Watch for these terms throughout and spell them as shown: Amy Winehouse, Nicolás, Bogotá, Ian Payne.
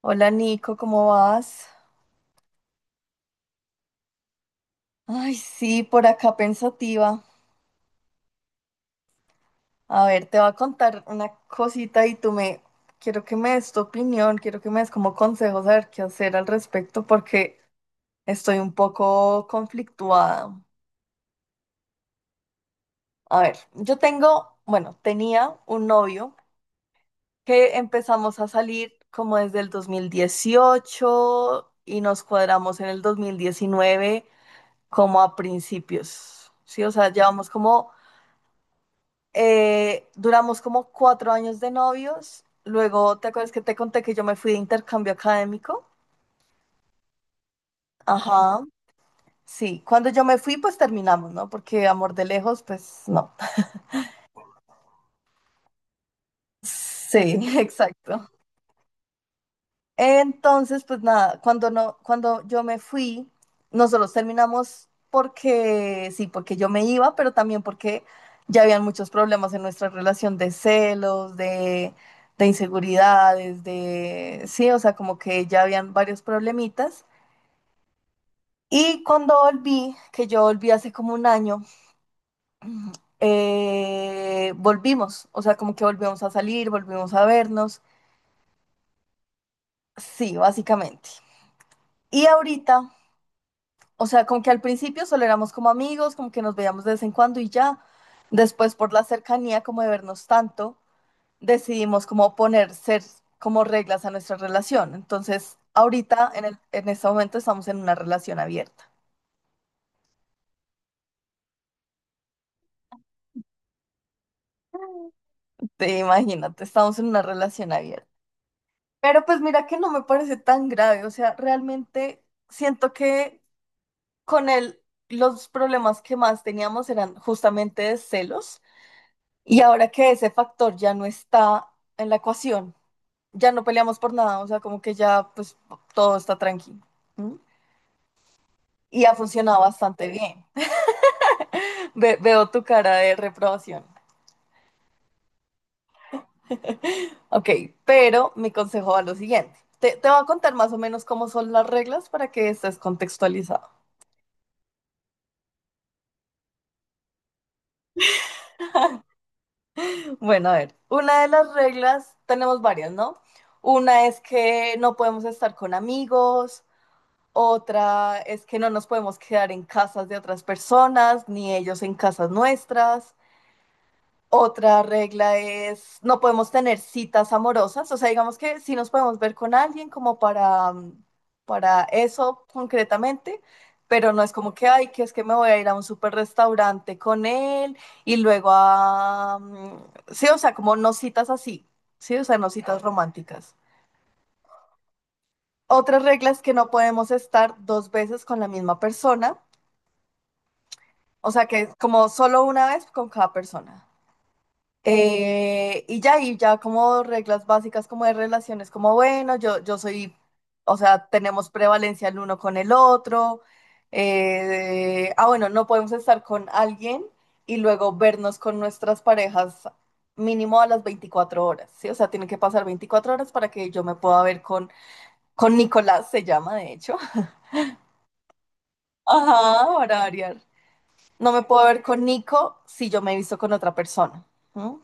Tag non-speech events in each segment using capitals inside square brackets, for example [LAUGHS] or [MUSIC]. Hola Nico, ¿cómo vas? Ay, sí, por acá pensativa. A ver, te voy a contar una cosita y tú me... Quiero que me des tu opinión, quiero que me des como consejos a ver qué hacer al respecto porque estoy un poco conflictuada. A ver, yo tengo, bueno, tenía un novio que empezamos a salir como desde el 2018 y nos cuadramos en el 2019 como a principios, ¿sí? O sea, llevamos como. Duramos como 4 años de novios. Luego, ¿te acuerdas que te conté que yo me fui de intercambio académico? Ajá, sí. Cuando yo me fui, pues terminamos, ¿no? Porque amor de lejos, pues no. [LAUGHS] Sí, [LAUGHS] exacto. Entonces, pues nada, cuando no, cuando yo me fui, nosotros terminamos porque sí, porque yo me iba, pero también porque ya habían muchos problemas en nuestra relación de celos, de inseguridades, de sí, o sea, como que ya habían varios problemitas. Y cuando volví, que yo volví hace como un año, volvimos, o sea, como que volvimos a salir, volvimos a vernos, sí, básicamente. Y ahorita O sea, como que al principio solo éramos como amigos, como que nos veíamos de vez en cuando y ya. Después, por la cercanía, como de vernos tanto, decidimos como poner ser como reglas a nuestra relación. Entonces, ahorita, en este momento, estamos en una relación abierta. Te imagínate, estamos en una relación abierta. Pero pues mira que no me parece tan grave. O sea, realmente siento que con él los problemas que más teníamos eran justamente de celos. Y ahora que ese factor ya no está en la ecuación, ya no peleamos por nada, o sea, como que ya pues todo está tranquilo. ¿M? Y ha funcionado bastante bien. [LAUGHS] Veo tu cara de reprobación. Ok, pero mi consejo va a lo siguiente. Te voy a contar más o menos cómo son las reglas para que estés contextualizado. Bueno, a ver, una de las reglas, tenemos varias, ¿no? Una es que no podemos estar con amigos. Otra es que no nos podemos quedar en casas de otras personas, ni ellos en casas nuestras. Otra regla es no podemos tener citas amorosas, o sea, digamos que sí nos podemos ver con alguien como para, para eso concretamente, pero no es como que, ay, que es que me voy a ir a un super restaurante con él y luego sí, o sea, como no citas así, sí, o sea, no citas románticas. Otra regla es que no podemos estar dos veces con la misma persona. O sea que es como solo una vez con cada persona. Y ya, como reglas básicas como de relaciones, como bueno, yo soy, o sea, tenemos prevalencia el uno con el otro. Bueno, no podemos estar con alguien y luego vernos con nuestras parejas mínimo a las 24 horas, ¿sí? O sea, tienen que pasar 24 horas para que yo me pueda ver con Nicolás, se llama de hecho. [LAUGHS] Ajá, para variar. No me puedo ver con Nico si yo me he visto con otra persona, ¿no?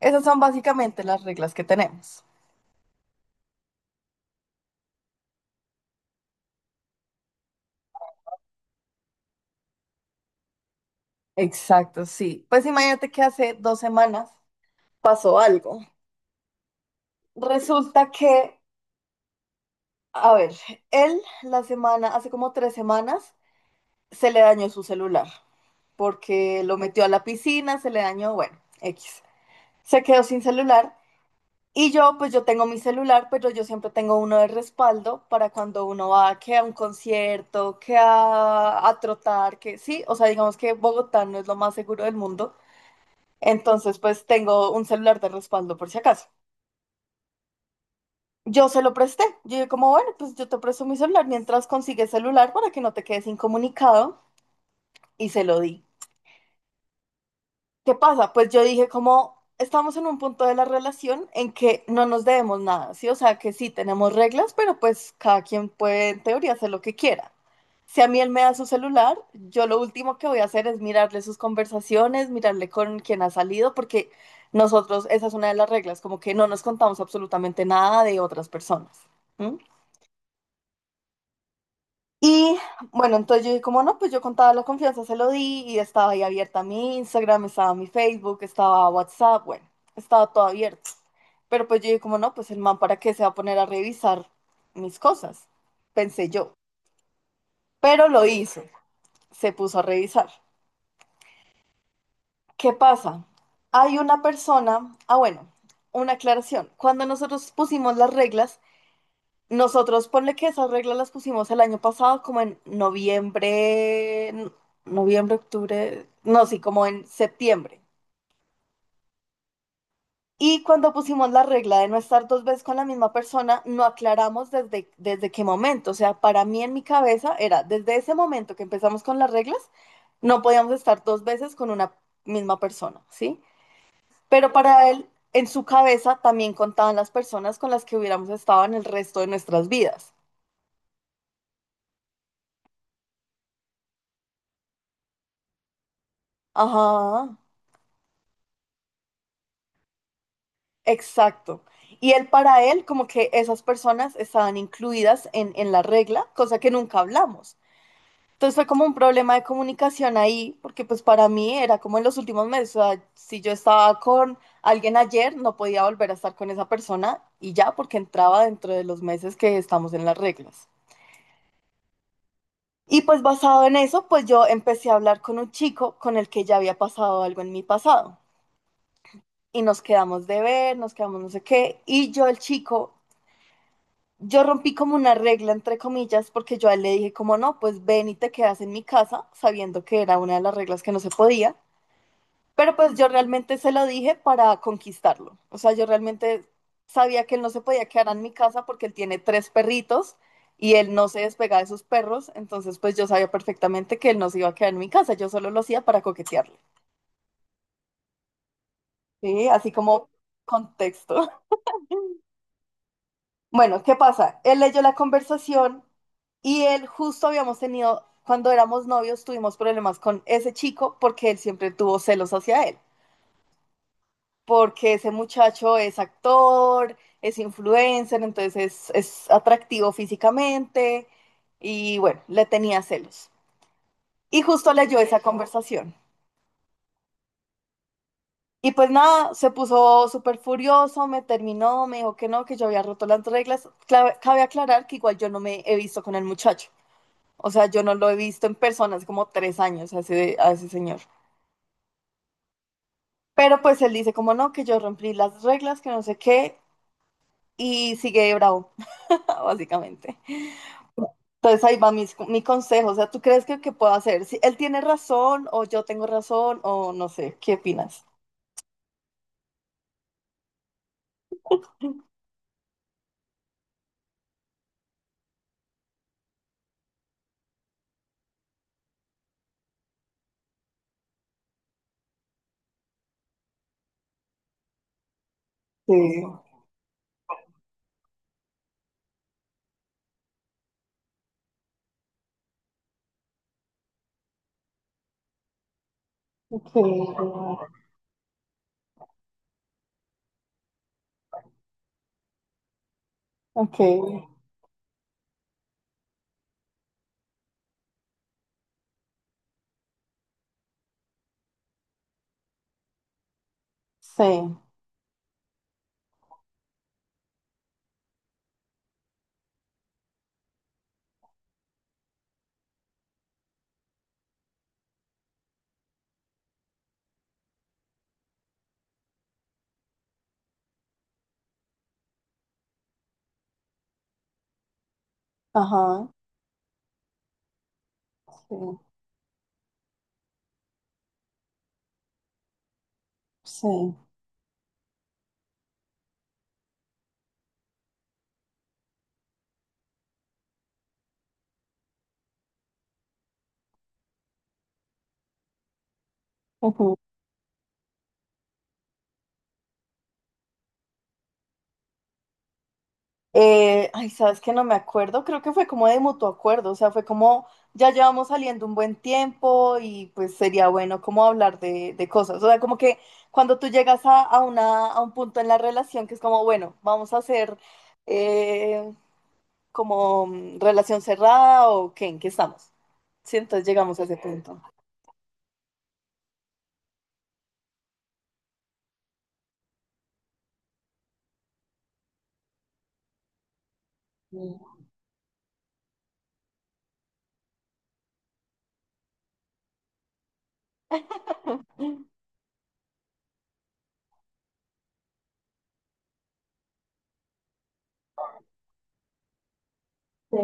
Esas son básicamente las reglas que tenemos. Exacto, sí. Pues imagínate que hace 2 semanas pasó algo. Resulta que, a ver, hace como 3 semanas, se le dañó su celular porque lo metió a la piscina, se le dañó, bueno, X. Se quedó sin celular. Y yo, pues yo tengo mi celular, pero yo siempre tengo uno de respaldo para cuando uno va que a un concierto, que a trotar, que sí, o sea, digamos que Bogotá no es lo más seguro del mundo. Entonces, pues tengo un celular de respaldo por si acaso. Yo se lo presté. Yo dije como, bueno, pues yo te presto mi celular mientras consigues celular para que no te quedes incomunicado y se lo di. ¿Qué pasa? Pues yo dije como estamos en un punto de la relación en que no nos debemos nada, ¿sí? O sea, que sí tenemos reglas, pero pues cada quien puede en teoría hacer lo que quiera. Si a mí él me da su celular, yo lo último que voy a hacer es mirarle sus conversaciones, mirarle con quién ha salido, porque nosotros, esa es una de las reglas, como que no nos contamos absolutamente nada de otras personas. ¿M? Y bueno, entonces yo dije, como no, pues yo contaba la confianza, se lo di y estaba ahí abierta mi Instagram, estaba mi Facebook, estaba WhatsApp, bueno, estaba todo abierto. Pero pues yo dije, como no, pues el man, ¿para qué se va a poner a revisar mis cosas? Pensé yo. Pero lo hizo, se puso a revisar. ¿Qué pasa? Hay una persona, ah, bueno, una aclaración. Cuando nosotros pusimos las reglas, nosotros, ponle que esas reglas las pusimos el año pasado, como en noviembre, noviembre, octubre, no, sí, como en septiembre. Y cuando pusimos la regla de no estar dos veces con la misma persona, no aclaramos desde qué momento. O sea, para mí en mi cabeza era, desde ese momento que empezamos con las reglas, no podíamos estar dos veces con una misma persona, ¿sí? Pero para él, en su cabeza también contaban las personas con las que hubiéramos estado en el resto de nuestras vidas. Ajá. Exacto. Y él, para él, como que esas personas estaban incluidas en la regla, cosa que nunca hablamos. Entonces fue como un problema de comunicación ahí, porque pues para mí era como en los últimos meses, o sea, si yo estaba con alguien ayer, no podía volver a estar con esa persona y ya, porque entraba dentro de los meses que estamos en las reglas. Y pues basado en eso, pues yo empecé a hablar con un chico con el que ya había pasado algo en mi pasado. Y nos quedamos de ver, nos quedamos no sé qué. Yo rompí como una regla, entre comillas, porque yo a él le dije como no, pues ven y te quedas en mi casa, sabiendo que era una de las reglas que no se podía, pero pues yo realmente se lo dije para conquistarlo. O sea, yo realmente sabía que él no se podía quedar en mi casa porque él tiene tres perritos y él no se despega de sus perros, entonces pues yo sabía perfectamente que él no se iba a quedar en mi casa, yo solo lo hacía para coquetearle, ¿sí? Así como contexto. Bueno, ¿qué pasa? Él leyó la conversación y él justo habíamos tenido, cuando éramos novios, tuvimos problemas con ese chico porque él siempre tuvo celos hacia él, porque ese muchacho es actor, es influencer, entonces es atractivo físicamente y bueno, le tenía celos. Y justo leyó esa conversación. Y pues nada, se puso súper furioso, me terminó, me dijo que no, que yo había roto las reglas. Cabe aclarar que igual yo no me he visto con el muchacho. O sea, yo no lo he visto en persona hace como 3 años a ese señor. Pero pues él dice como no, que yo rompí las reglas, que no sé qué, y sigue de bravo, [LAUGHS] básicamente. Entonces ahí va mi consejo, o sea, ¿tú crees que, puedo hacer? Si él tiene razón o yo tengo razón o no sé, ¿qué opinas? Sí, ok, ok, sí, ajá, sí, sí. Ujú. Ay, sabes que no me acuerdo, creo que fue como de mutuo acuerdo, o sea, fue como ya llevamos saliendo un buen tiempo y pues sería bueno como hablar de cosas, o sea, como que cuando tú llegas a un punto en la relación que es como, bueno, vamos a hacer eh, como relación cerrada o qué, en qué estamos, sí, entonces llegamos a ese punto. Sí. Sí,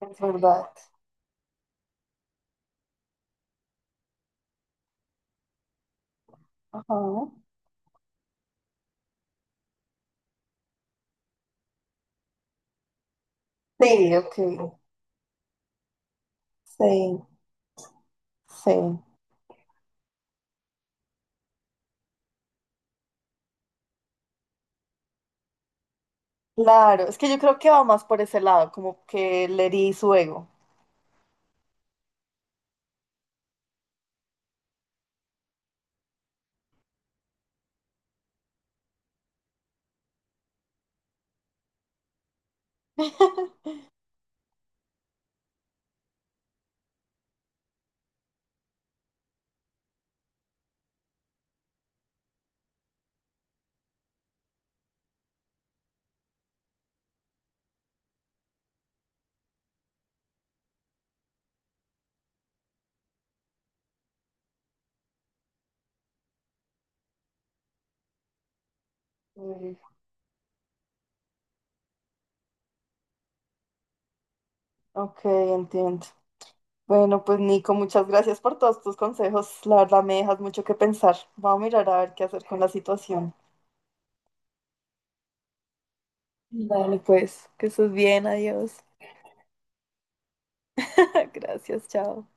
es verdad. Ajá. Sí, ok, sí, sí. Claro, es que yo creo que va más por ese lado, como que le herí su ego. Mm, ok, entiendo. Bueno, pues Nico, muchas gracias por todos tus consejos. La verdad me dejas mucho que pensar. Vamos a mirar a ver qué hacer con la situación. Dale, pues, que estés bien, adiós. [LAUGHS] Gracias, chao.